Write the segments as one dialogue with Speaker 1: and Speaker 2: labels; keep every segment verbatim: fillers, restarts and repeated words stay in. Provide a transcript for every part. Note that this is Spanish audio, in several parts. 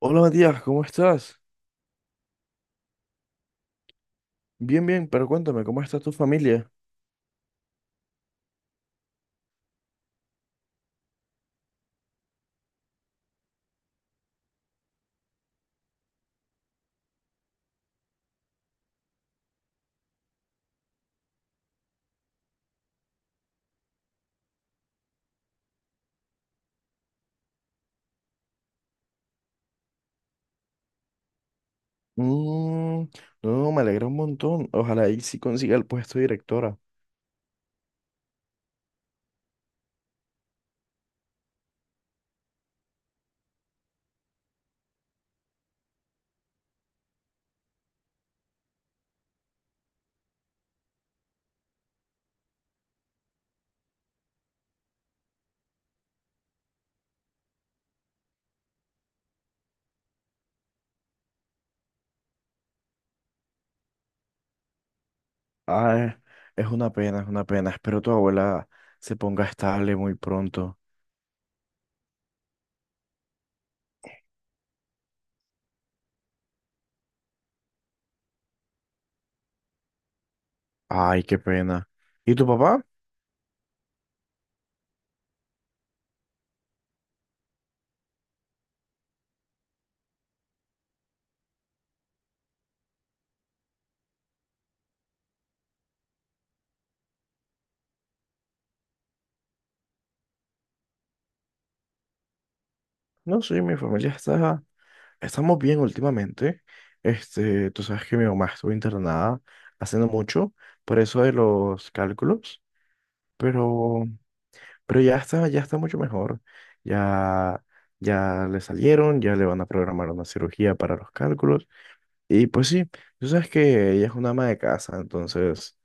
Speaker 1: Hola Matías, ¿cómo estás? Bien, bien, pero cuéntame, ¿cómo está tu familia? Mm, no, me alegra un montón. Ojalá y sí consiga el puesto de directora. Ah, es una pena, es una pena. Espero tu abuela se ponga estable muy pronto. Ay, qué pena. ¿Y tu papá? No, sí, mi familia está... Estamos bien últimamente. Este, tú sabes que mi mamá estuvo internada hace no mucho, por eso de los cálculos. Pero Pero ya está, ya está mucho mejor. Ya, ya le salieron, ya le van a programar una cirugía para los cálculos. Y pues sí, tú sabes que ella es una ama de casa, entonces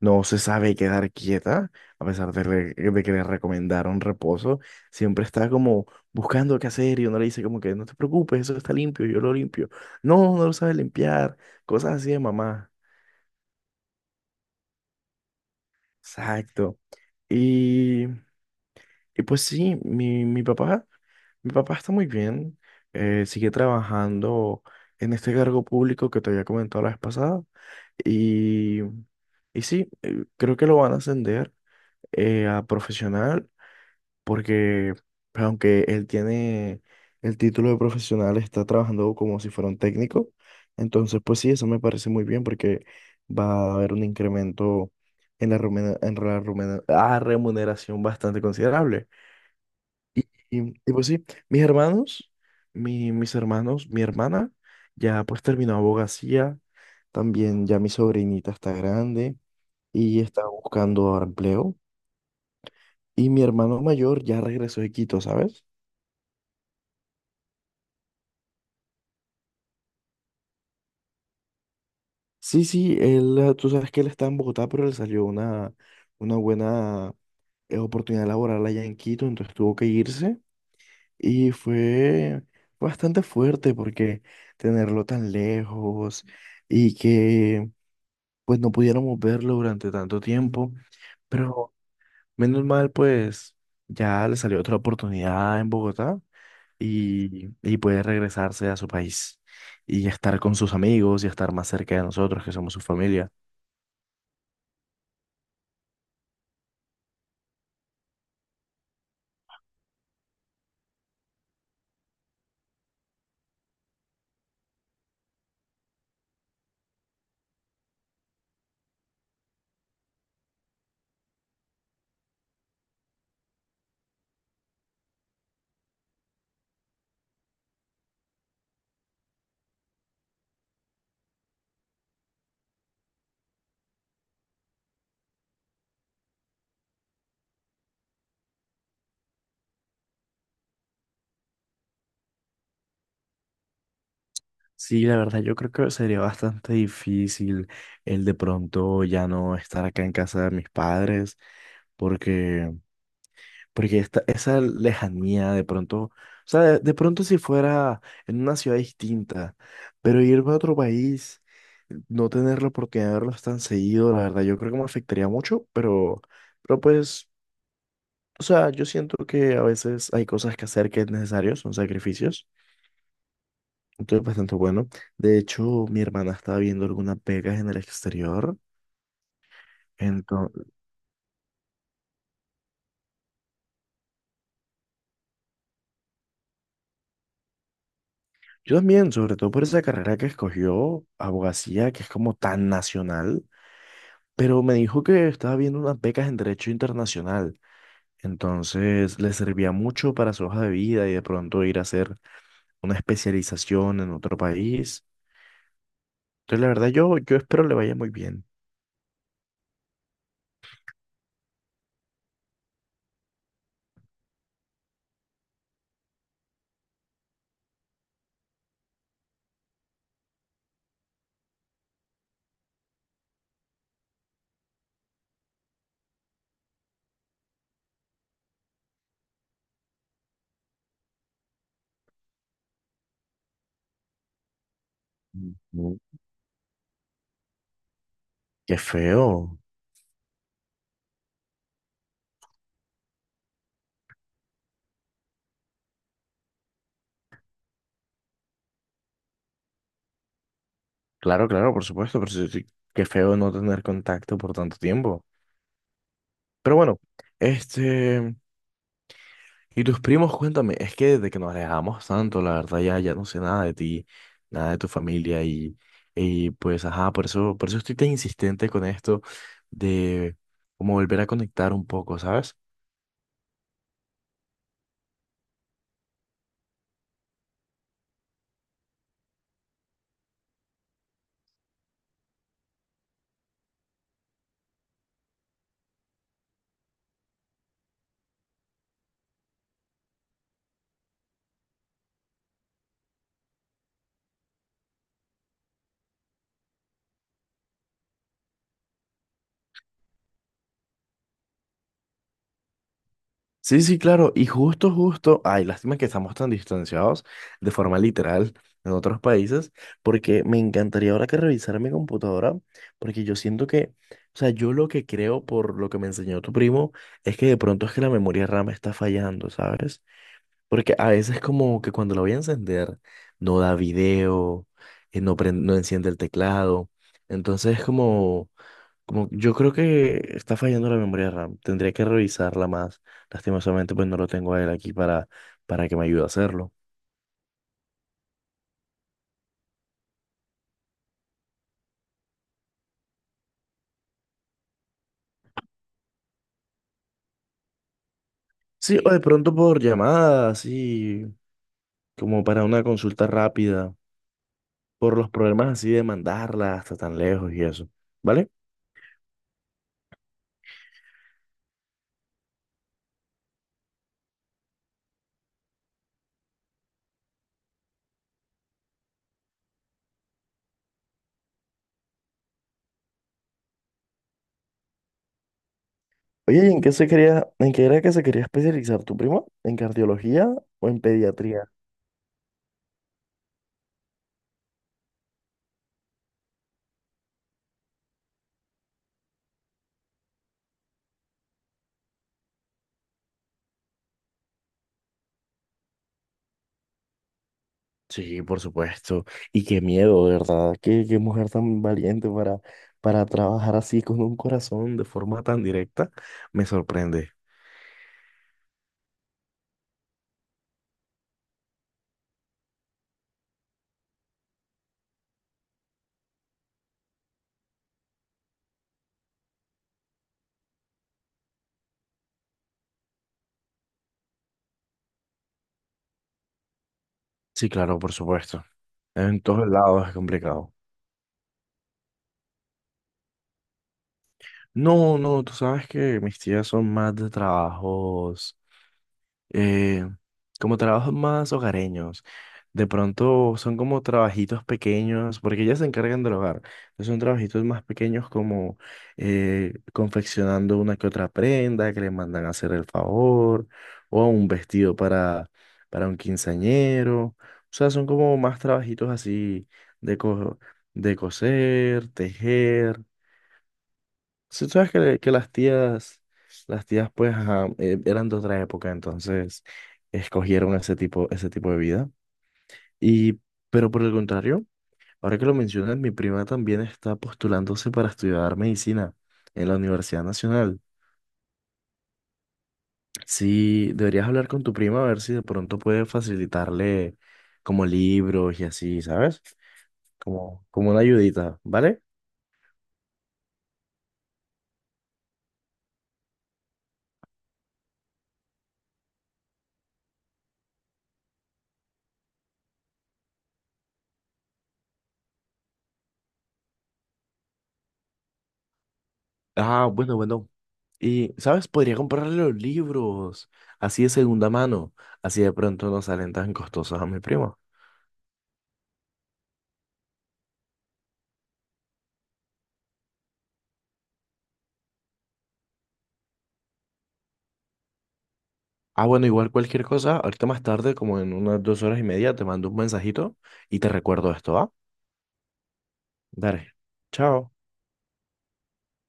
Speaker 1: no se sabe quedar quieta, a pesar de, le- de que le recomendaron reposo. Siempre está como buscando qué hacer y uno le dice como que no te preocupes, eso está limpio, yo lo limpio. No, no lo sabe limpiar, cosas así de mamá. Exacto. Y, y pues sí, mi, mi papá. Mi papá está muy bien, eh, sigue trabajando en este cargo público que te había comentado la vez pasada y, y sí, eh, creo que lo van a ascender eh, a profesional porque aunque él tiene el título de profesional, está trabajando como si fuera un técnico. Entonces, pues sí, eso me parece muy bien porque va a haber un incremento en la, rumena- en la rumena- ah, remuneración bastante considerable. Y, y- y pues sí, mis hermanos, mi- mis hermanos, mi hermana ya pues terminó abogacía, también ya mi sobrinita está grande y está buscando ahora empleo. Y mi hermano mayor ya regresó de Quito, ¿sabes? Sí, sí, él, eh, tú sabes que él está en Bogotá, pero le salió una, una buena eh, oportunidad laboral allá en Quito, entonces tuvo que irse y fue bastante fuerte porque tenerlo tan lejos y que pues no pudiéramos verlo durante tanto tiempo, pero menos mal, pues ya le salió otra oportunidad en Bogotá y, y puede regresarse a su país y estar con sus amigos y estar más cerca de nosotros, que somos su familia. Sí, la verdad, yo creo que sería bastante difícil el de pronto ya no estar acá en casa de mis padres, porque Porque esta, esa lejanía de pronto, o sea, de, de pronto si fuera en una ciudad distinta, pero irme a otro país, no tener la oportunidad de verlos tan seguido, la verdad, yo creo que me afectaría mucho, pero, pero pues, o sea, yo siento que a veces hay cosas que hacer que es necesario, son sacrificios, entonces bastante bueno. De hecho, mi hermana estaba viendo algunas becas en el exterior. Entonces, yo también, sobre todo por esa carrera que escogió, abogacía, que es como tan nacional. Pero me dijo que estaba viendo unas becas en Derecho Internacional. Entonces le servía mucho para su hoja de vida y de pronto ir a hacer una especialización en otro país. Entonces, la verdad, yo, yo espero le vaya muy bien. Ujú. Qué feo. Claro, claro, por supuesto, pero sí- sí, qué feo no tener contacto por tanto tiempo. Pero bueno, este, y tus primos, cuéntame, es que desde que nos alejamos tanto, la verdad ya, ya no sé nada de ti, nada de tu familia y, y pues ajá, por eso, por eso estoy tan insistente con esto de como volver a conectar un poco, ¿sabes? Sí, sí, claro, y justo, justo, ay, lástima que estamos tan distanciados de forma literal en otros países, porque me encantaría ahora que revisara mi computadora, porque yo siento que, o sea, yo lo que creo por lo que me enseñó tu primo es que de pronto es que la memoria RAM está fallando, ¿sabes? Porque a veces como que cuando la voy a encender, no da video, eh, no, pren- no enciende el teclado. Entonces como, como yo creo que está fallando la memoria RAM. Tendría que revisarla más. Lastimosamente pues no lo tengo a él aquí para, para que me ayude a hacerlo. Sí, o de pronto por llamada, así como para una consulta rápida, por los problemas así de mandarla hasta tan lejos y eso. ¿Vale? Oye, ¿y en qué se quería, en qué era que se quería especializar tu primo? ¿En cardiología o en pediatría? Sí, por supuesto. Y qué miedo, de verdad. Qué, qué mujer tan valiente para, para trabajar así con un corazón de forma tan directa. Me sorprende. Sí, claro, por supuesto. En todos lados es complicado. No, no, tú sabes que mis tías son más de trabajos, eh, como trabajos más hogareños. De pronto son como trabajitos pequeños, porque ellas se encargan del hogar. Entonces son trabajitos más pequeños como eh, confeccionando una que otra prenda que le mandan a hacer el favor, o un vestido para, para un quinceañero. O sea, son como más trabajitos así de, co- de coser, tejer. Si tú sabes que, le- que las tías, las tías pues ajá, eh, eran de otra época, entonces escogieron ese tipo, ese tipo de vida. Y, pero por el contrario, ahora que lo mencionas, mi prima también está postulándose para estudiar medicina en la Universidad Nacional. Sí, deberías hablar con tu prima a ver si de pronto puede facilitarle como libros y así, ¿sabes? Como, como una ayudita, ¿vale? Ah, bueno, bueno. Y, ¿sabes? Podría comprarle los libros, así de segunda mano, así de pronto no salen tan costosos a mi primo. Ah, bueno, igual cualquier cosa, ahorita más tarde, como en unas dos horas y media, te mando un mensajito y te recuerdo esto, ¿va? Dale, chao.